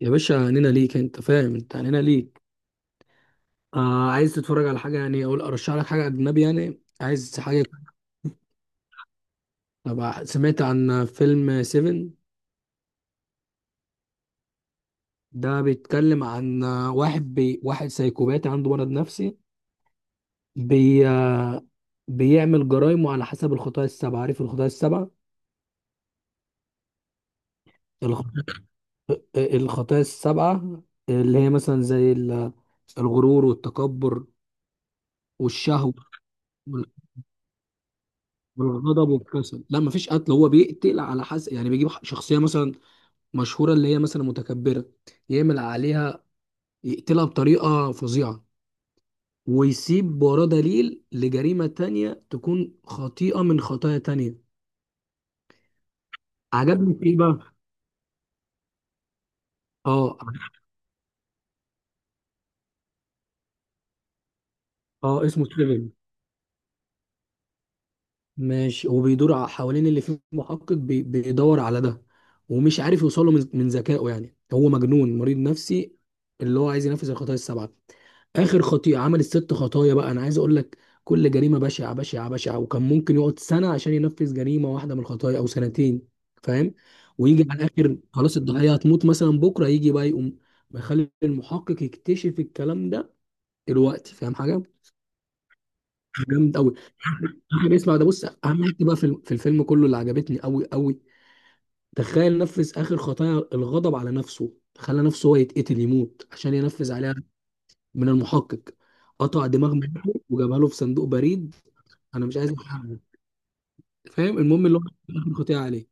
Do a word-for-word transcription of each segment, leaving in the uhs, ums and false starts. يا باشا، عنينا ليك. انت فاهم، انت عنينا ليك. آه عايز تتفرج على حاجه يعني، او ارشح لك حاجه اجنبي؟ يعني عايز حاجه. طب سمعت عن فيلم سبعة؟ ده بيتكلم عن واحد بي... واحد سايكوباتي عنده مرض نفسي. بي... آه، بيعمل جرايمه على حسب الخطايا السبعه. عارف الخطايا السبعه؟ الخ... آه، الخطايا السبعه اللي هي مثلا زي ال- الغرور والتكبر والشهوه وال- والغضب والكسل. لا مفيش قتل، هو بيقتل على حسب يعني، بيجيب شخصيه مثلا مشهوره اللي هي مثلا متكبره، يعمل عليها، يقتلها بطريقه فظيعه، ويسيب وراه دليل لجريمه تانية تكون خطيئه من خطايا تانية. عجبني في ايه بقى؟ اه اه، اسمه سيفن. ماشي، وبيدور ع- حوالين اللي فيه محقق بي- بيدور على ده، ومش عارف يوصله من من ذكائه. يعني هو مجنون مريض نفسي، اللي هو عايز ينفذ الخطايا السبعة. آخر خطيئة عمل الست خطايا بقى، أنا عايز أقول لك كل جريمة بشعة بشعة بشعة، وكان ممكن يقعد سنة عشان ينفذ جريمة واحدة من الخطايا أو سنتين، فاهم؟ ويجي على الآخر خلاص الضحية هتموت مثلا بكرة، يجي بقى يقوم يخلي المحقق يكتشف الكلام ده. دلوقتي فاهم حاجة؟ جامد قوي. اهم حاجه اسمع ده، بص، اهم حاجه بقى في الم- في الفيلم كله اللي عجبتني قوي قوي، تخيل نفذ اخر خطايا الغضب على نفسه، خلى نفسه هو يتقتل يموت عشان ينفذ عليها من المحقق. قطع دماغ مراته وجابها له في صندوق بريد. انا مش عايز أحرقها. فاهم المهم اللي هو اخر خطيئه عليه.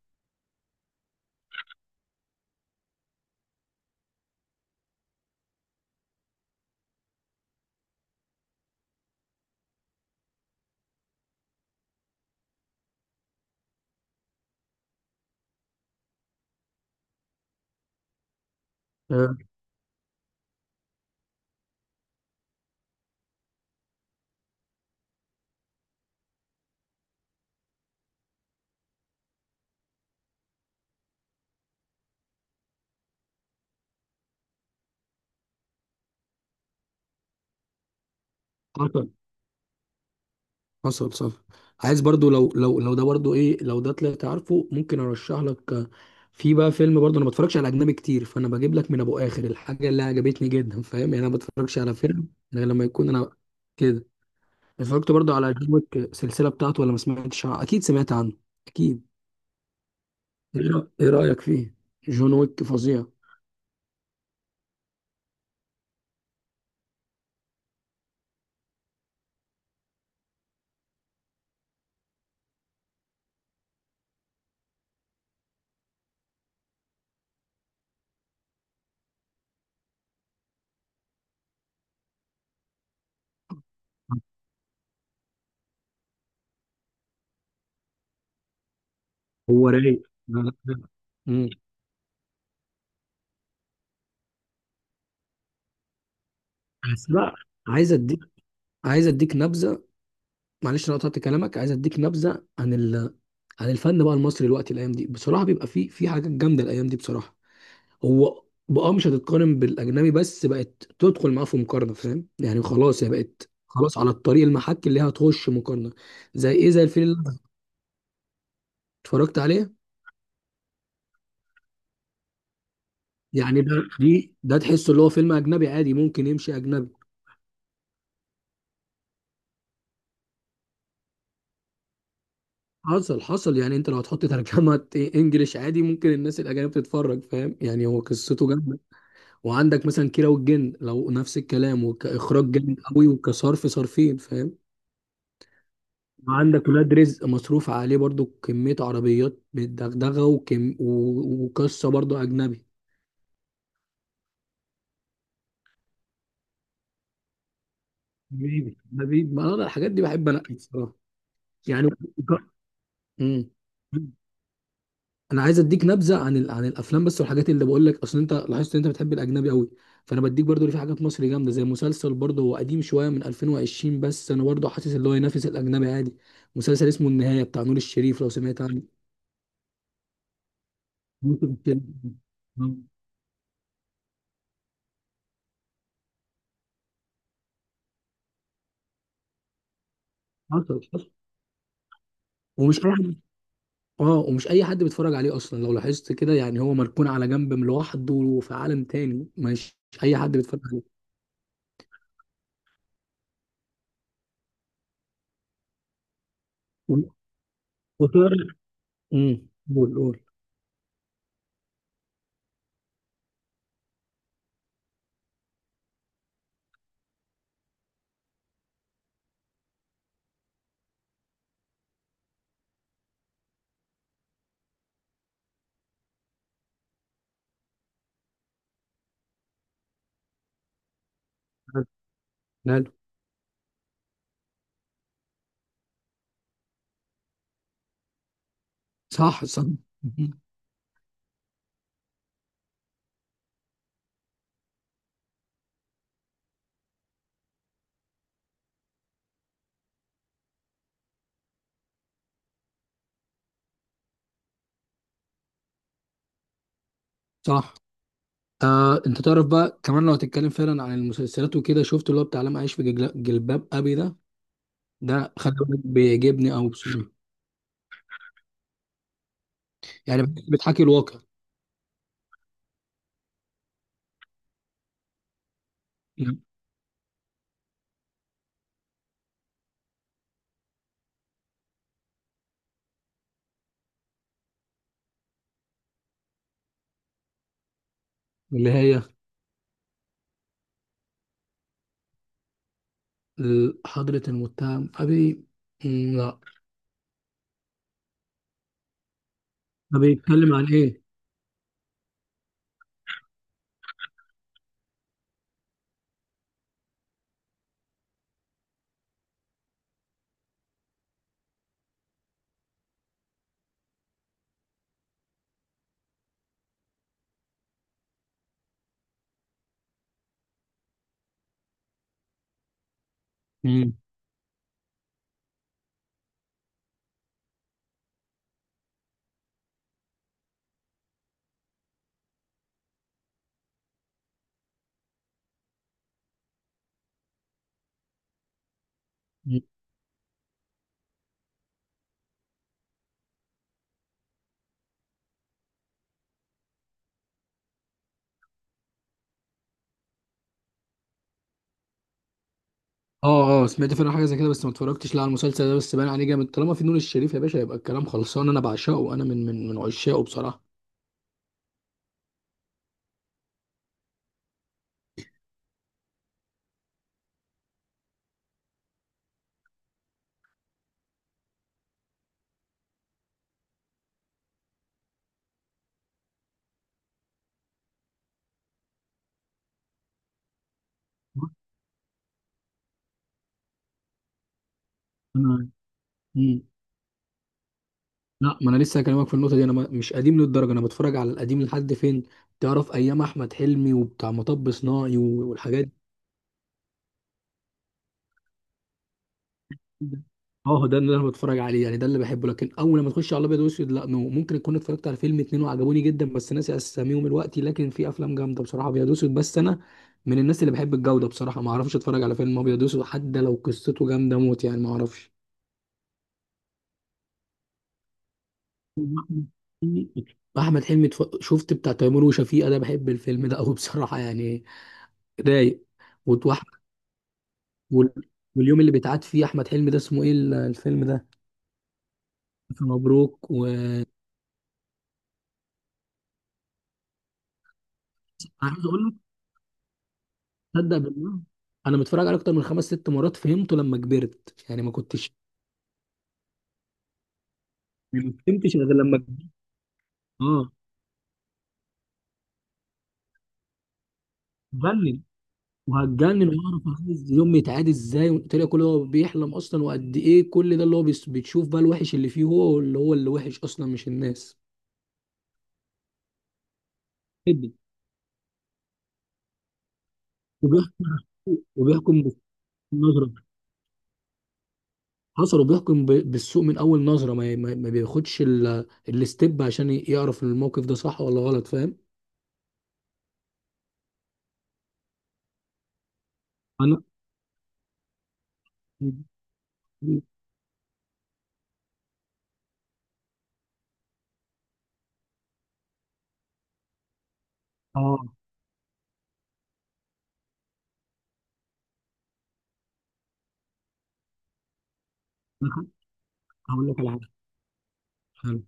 آه. حصل صح. عايز برضو، لو لو لو ده برضو ايه، لو ده طلعت عارفه ممكن ارشح لك. آه، في بقى فيلم برضو، انا ما بتفرجش على اجنبي كتير، فانا بجيب لك من ابو اخر الحاجه اللي عجبتني جدا، فاهم يعني؟ انا ما بتفرجش على فيلم غير لما يكون انا كده. اتفرجت برضو على جون ويك، السلسله بتاعته، ولا ما سمعتش عنه؟ اكيد سمعت عنه اكيد. ايه رأ- إيه رايك فيه؟ جون ويك فظيع. هو رايق. لا، لا، لا. مم. بس بقى، عايز اديك عايز اديك نبذه. معلش انا قطعت كلامك، عايز اديك نبذه عن ال... عن الفن بقى المصري دلوقتي، الايام دي بصراحه بيبقى في في حاجات جامده، الايام دي بصراحه. هو بقى مش هتتقارن بالاجنبي، بس بقت تدخل معاه في مقارنه، فاهم يعني؟ خلاص هي بقت، خلاص على الطريق المحك اللي هي هتخش مقارنه. زي ايه؟ زي الفيلم اللي أنا اتفرجت عليه. يعني ده دي ده تحسه اللي هو فيلم اجنبي عادي، ممكن يمشي اجنبي. حصل حصل. يعني انت لو هتحط ترجمه انجليش، عادي ممكن الناس الاجانب تتفرج، فاهم يعني؟ هو قصته جامده. وعندك مثلا كيرة والجن، لو نفس الكلام وكإخراج جامد قوي وكصرف صرفين، فاهم؟ وعندك ولاد رزق، مصروف عليه برضو كمية عربيات بالدغدغة، وكم و- وقصة برضو أجنبي. حبيبي حبيبي، ما أنا الحاجات دي بحب أنقي بصراحة. يعني مم. انا عايز اديك نبذه عن ال... عن الافلام بس، والحاجات اللي بقول لك، اصل انت لاحظت ان انت بتحب الاجنبي قوي. فانا بديك برضو اللي في حاجات مصري جامده، زي مسلسل برضو هو قديم شويه من ألفين وعشرين، بس انا برضو حاسس اللي هو ينافس الاجنبي عادي. مسلسل اسمه النهايه بتاع نور الشريف، لو سمعت عنه. ممكن تكون- حصل حصل. ومش اي حد اه ومش اي حد بيتفرج عليه اصلا، لو لاحظت كده يعني هو مركون على جنب من لوحده وفي عالم تاني، مش مش اي حد بيتفرج عليه. و- وتقرا. امم قول قول. ماله. صح صح. مهم. صح. آه، انت تعرف بقى كمان، لو هتتكلم فعلا عن المسلسلات وكده، شفت اللي هو بتاع لم اعيش في جل- جلباب ابي ده؟ ده خلي بالك بيعجبني، او يعني بتحكي الواقع. اللي هي ال- حضرة المتهم ابي. مم، لا. ده بيتكلم عن ايه؟ مم. اه اه، سمعت فعلا حاجه زي كده، بس ما اتفرجتش لا على المسلسل ده، بس باين عليه جامد. طالما في نور الشريف يا باشا يبقى الكلام خلصان، انا بعشقه، انا من من من عشاقه بصراحه. أنا- مم. لا، ما انا لسه هكلمك في النقطه دي. انا ما- مش قديم للدرجه، انا بتفرج على القديم لحد فين؟ تعرف ايام احمد حلمي وبتاع مطب صناعي و- والحاجات دي. اه ده اللي انا بتفرج عليه يعني، ده اللي بحبه. لكن اول لما تخش على الابيض واسود، لا نو، ممكن اكون اتفرجت على فيلم اتنين وعجبوني جدا، بس ناسي اساميهم دلوقتي. لكن في افلام جامده بصراحه ابيض واسود، بس انا من الناس اللي بحب الجوده بصراحه، ما اعرفش اتفرج على فيلم ابيض واسود حتى لو قصته جامده موت، يعني ما اعرفش. احمد حلمي، اتف- شفت بتاع تيمور وشفيقة ده؟ بحب الفيلم ده قوي بصراحه، يعني رايق. وتوح وال- واليوم اللي بيتعاد فيه احمد حلمي ده، اسمه ايه ال- الفيلم ده؟ ألف مبروك. و أنا عايز اقول لك، تصدق بالله انا متفرج عليه اكتر من خمس ست مرات، فهمته لما كبرت. يعني ما كنتش، ما فهمتش غير لما كبرت. اه. جنن. وهتجنن واعرف عايز يوم يتعاد ازاي طلع، كل هو بيحلم اصلا، وقد ايه كل ده اللي هو بيس- بتشوف بقى الوحش اللي فيه، هو اللي هو اللي وحش اصلا مش الناس. جدا. وبيحكم، وبيحكم بالنظره، حصل، بيحكم ب- بالسوق من اول نظره، ما ما ما بياخدش ال- الستيب عشان ي- يعرف الموقف ده صح ولا غلط، فاهم؟ انا اه أنا هقول لك على حاجه. حلو.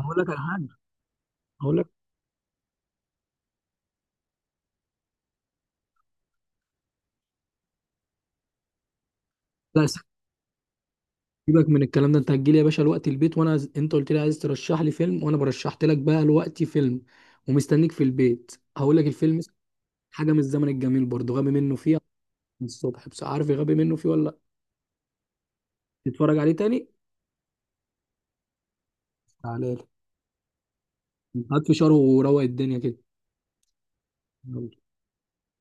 هقول لك على حاجه. هقول لك، لا، س- سيبك من الكلام ده. انت هتجي لي يا باشا الوقت البيت وانا عايز- انت قلت لي عايز ترشح لي فيلم، وانا برشحت لك بقى الوقت فيلم، ومستنيك في البيت. هقول لك الفيلم اسمه حاجه من الزمن الجميل، برضه غبي منه فيه من الصبح. بس عارف غبي منه فيه ولا لا؟ تتفرج عليه تاني. تعالى لي. هات فشار وروق الدنيا كده. يلا.